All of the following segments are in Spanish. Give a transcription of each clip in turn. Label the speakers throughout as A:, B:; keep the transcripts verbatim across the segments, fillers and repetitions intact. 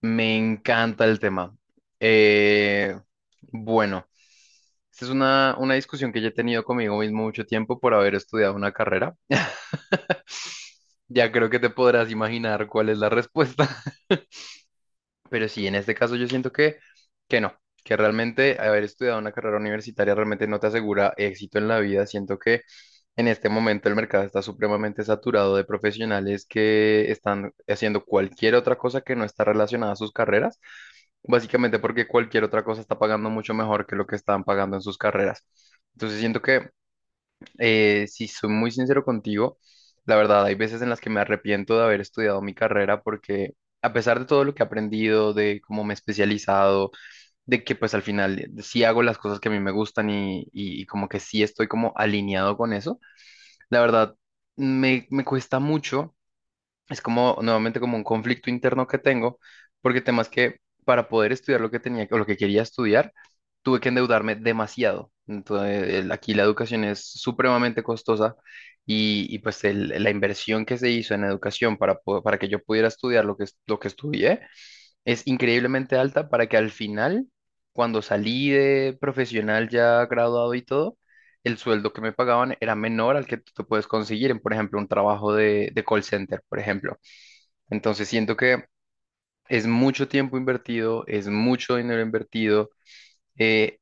A: Me encanta el tema. Eh, bueno, Esta es una, una discusión que ya he tenido conmigo mismo mucho tiempo por haber estudiado una carrera. Ya creo que te podrás imaginar cuál es la respuesta. Pero sí, en este caso yo siento que, que no, que realmente haber estudiado una carrera universitaria realmente no te asegura éxito en la vida. Siento que en este momento el mercado está supremamente saturado de profesionales que están haciendo cualquier otra cosa que no está relacionada a sus carreras, básicamente porque cualquier otra cosa está pagando mucho mejor que lo que estaban pagando en sus carreras. Entonces siento que eh, si soy muy sincero contigo, la verdad, hay veces en las que me arrepiento de haber estudiado mi carrera porque, a pesar de todo lo que he aprendido, de cómo me he especializado, de que pues al final eh, sí hago las cosas que a mí me gustan y, y- y como que sí estoy como alineado con eso, la verdad, me, me cuesta mucho. Es como, nuevamente, como un conflicto interno que tengo, porque temas que, para poder estudiar lo que tenía o lo que quería estudiar, tuve que endeudarme demasiado. Entonces, el- aquí la educación es supremamente costosa y, y, pues el- la inversión que se hizo en educación para, po- para que yo pudiera estudiar lo que, es- lo que estudié es increíblemente alta para que, al final, cuando salí de profesional ya graduado y todo, el sueldo que me pagaban era menor al que tú te puedes conseguir en, por ejemplo, un trabajo de, de call center, por ejemplo. Entonces siento que es mucho tiempo invertido, es mucho dinero invertido, eh,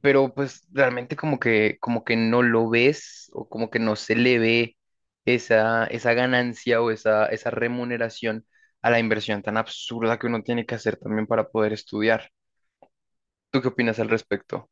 A: pero pues realmente como que, como que no lo ves o como que no se le ve esa, esa ganancia o esa, esa remuneración a la inversión tan absurda que uno tiene que hacer también para poder estudiar. ¿Tú qué opinas al respecto?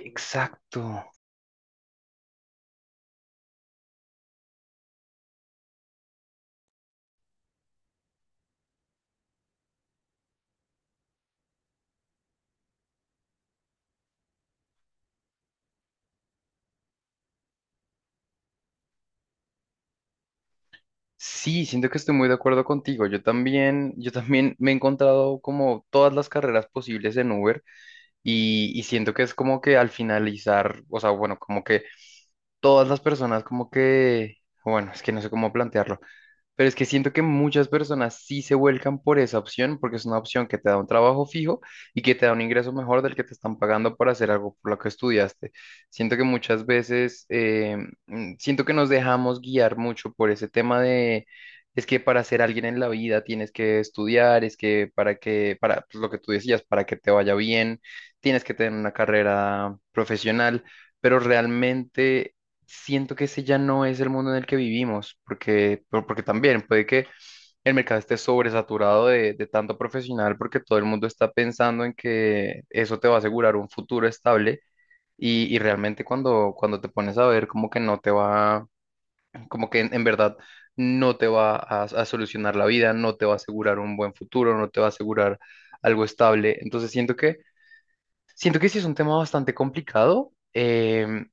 A: Exacto. Sí, siento que estoy muy de acuerdo contigo. Yo también, yo también me he encontrado como todas las carreras posibles en Uber. Y, y siento que es como que al finalizar, o sea, bueno, como que todas las personas como que, bueno, es que no sé cómo plantearlo. Pero es que siento que muchas personas sí se vuelcan por esa opción, porque es una opción que te da un trabajo fijo y que te da un ingreso mejor del que te están pagando por hacer algo por lo que estudiaste. Siento que muchas veces, eh, mm, siento que nos dejamos guiar mucho por ese tema de, es que para ser alguien en la vida tienes que estudiar, es que para que, para pues, lo que tú decías, para que te vaya bien, tienes que tener una carrera profesional, pero realmente siento que ese ya no es el mundo en el que vivimos, porque, por- porque también puede que el mercado esté sobresaturado de, de tanto profesional, porque todo el mundo está pensando en que eso te va a asegurar un futuro estable. Y, y realmente cuando, cuando te pones a ver, como que no te va, como que en, en verdad no te va a, a solucionar la vida, no te va a asegurar un buen futuro, no te va a asegurar algo estable. Entonces siento que, siento que sí es un tema bastante complicado, em,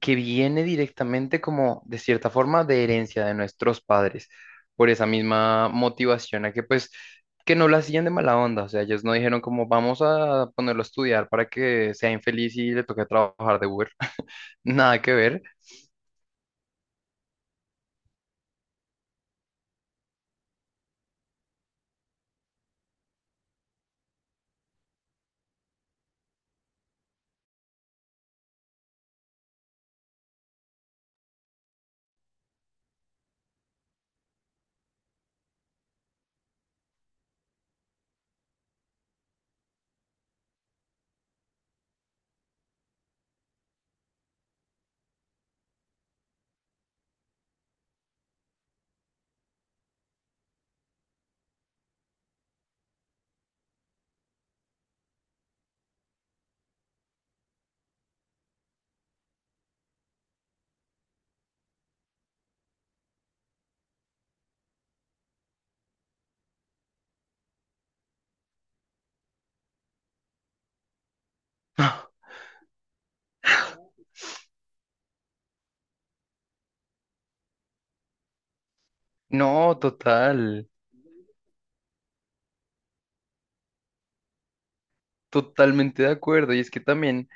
A: que viene directamente como de cierta forma de herencia de nuestros padres, por esa misma motivación a que pues que no lo hacían de mala onda, o sea, ellos no dijeron como vamos a ponerlo a estudiar para que sea infeliz y le toque trabajar de Uber, nada que ver. No, total. Totalmente de acuerdo. Y es que también,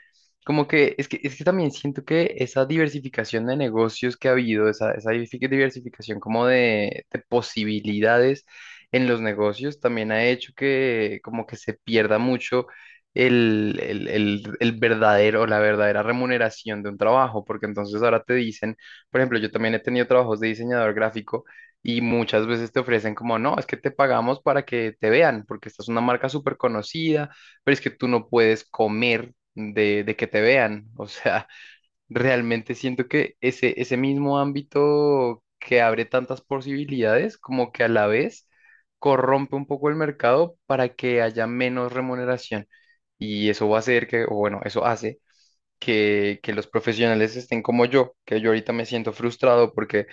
A: como que, es que, es que también siento que esa diversificación de negocios que ha habido, esa, esa diversifi- diversificación como de, de posibilidades en los negocios, también ha hecho que como que se pierda mucho el, el, el, el verdadero, la verdadera remuneración de un trabajo, porque entonces ahora te dicen, por ejemplo, yo también he tenido trabajos de diseñador gráfico. Y muchas veces te ofrecen como, no, es que te pagamos para que te vean, porque esta es una marca súper conocida, pero es que tú no puedes comer de, de que te vean. O sea, realmente siento que ese, ese mismo ámbito que abre tantas posibilidades, como que a la vez corrompe un poco el mercado para que haya menos remuneración. Y eso va a hacer que, o bueno, eso hace que, que los profesionales estén como yo, que yo ahorita me siento frustrado porque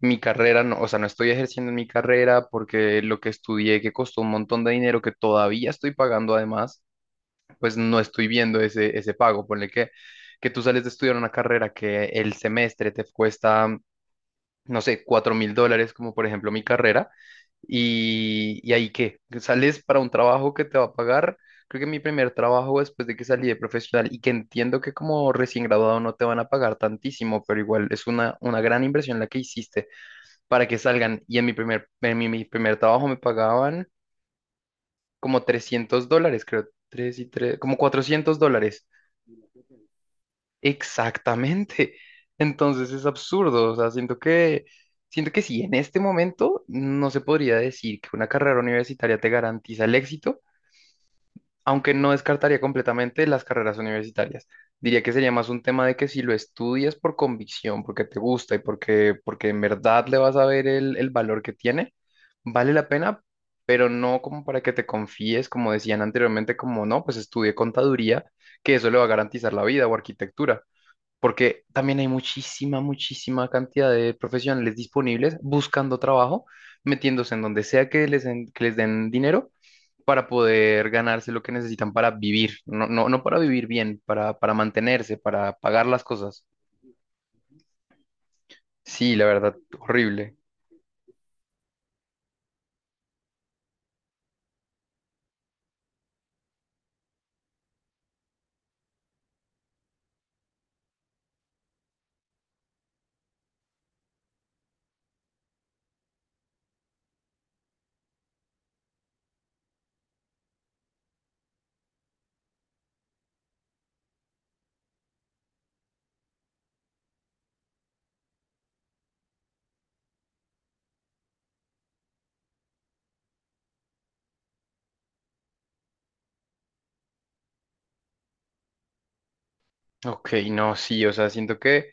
A: mi carrera, no, o sea, no estoy ejerciendo en mi carrera porque lo que estudié, que costó un montón de dinero que todavía estoy pagando además, pues no estoy viendo ese, ese pago. Ponle que, que tú sales de estudiar una carrera que el semestre te cuesta, no sé, cuatro mil dólares, como por ejemplo mi carrera, y, y ahí qué, que sales para un trabajo que te va a pagar. Creo que mi primer trabajo, después de que salí de profesional y que entiendo que como recién graduado no te van a pagar tantísimo, pero igual es una, una gran inversión la que hiciste para que salgan. Y en mi primer, en mi, mi primer trabajo me pagaban como trescientos dólares, creo, tres y tres, como cuatrocientos dólares. Exactamente. Entonces es absurdo. O sea, siento que, siento que sí, en este momento no se podría decir que una carrera universitaria te garantiza el éxito, aunque no descartaría completamente las carreras universitarias. Diría que sería más un tema de que, si lo estudias por convicción, porque te gusta y porque, porque en verdad le vas a ver el, el valor que tiene, vale la pena, pero no como para que te confíes, como decían anteriormente, como no, pues estudié contaduría, que eso le va a garantizar la vida, o arquitectura, porque también hay muchísima, muchísima cantidad de profesionales disponibles buscando trabajo, metiéndose en donde sea que les, den- que les den dinero para poder ganarse lo que necesitan para vivir, no, no, no para vivir bien, para, para mantenerse, para pagar las cosas. Sí, la verdad, horrible. Ok, no, sí, o sea, siento que,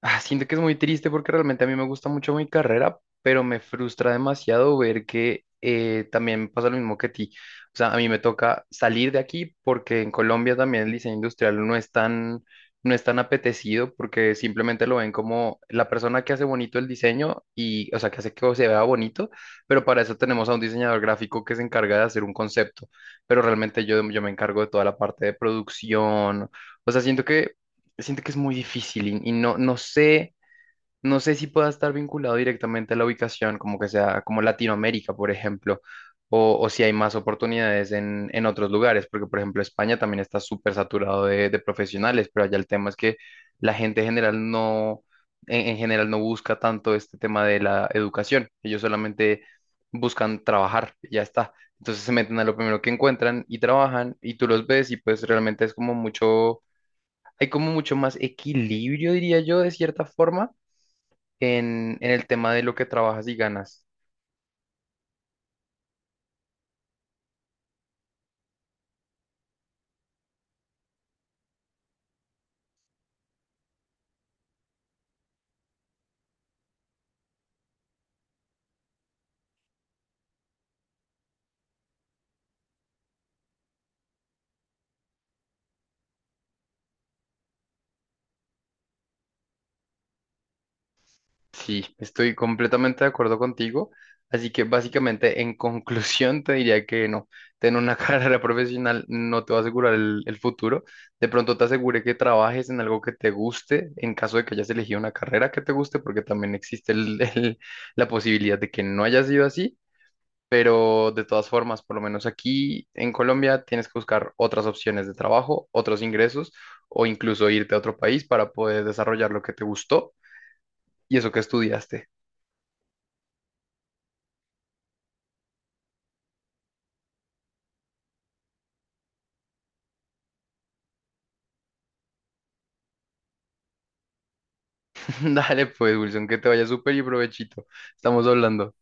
A: ah, siento que es muy triste porque realmente a mí me gusta mucho mi carrera, pero me frustra demasiado ver que eh, también me pasa lo mismo que a ti. O sea, a mí me toca salir de aquí porque en Colombia también el diseño industrial no es tan, no es tan apetecido porque simplemente lo ven como la persona que hace bonito el diseño y, o sea, que hace que se vea bonito, pero para eso tenemos a un diseñador gráfico que se encarga de hacer un concepto, pero realmente yo, yo me encargo de toda la parte de producción. O sea, siento que siento que es muy difícil y, y no, no sé, no sé si pueda estar vinculado directamente a la ubicación, como que sea como Latinoamérica, por ejemplo, o, o si hay más oportunidades en, en otros lugares, porque por ejemplo España también está súper saturado de, de profesionales, pero allá el tema es que la gente en general no, en, en general no busca tanto este tema de la educación, ellos solamente buscan trabajar, y ya está. Entonces se meten a lo primero que encuentran y trabajan y tú los ves y pues realmente es como mucho, hay como mucho más equilibrio, diría yo, de cierta forma, en, en el tema de lo que trabajas y ganas. Sí, estoy completamente de acuerdo contigo. Así que básicamente, en conclusión, te diría que no, tener una carrera profesional no te va a asegurar el, el futuro. De pronto te asegure que trabajes en algo que te guste, en caso de que hayas elegido una carrera que te guste, porque también existe el- el- la posibilidad de que no haya sido así. Pero de todas formas, por lo menos aquí en Colombia, tienes que buscar otras opciones de trabajo, otros ingresos o incluso irte a otro país para poder desarrollar lo que te gustó y eso que estudiaste. Dale pues, Wilson, que te vaya súper y provechito. Estamos hablando.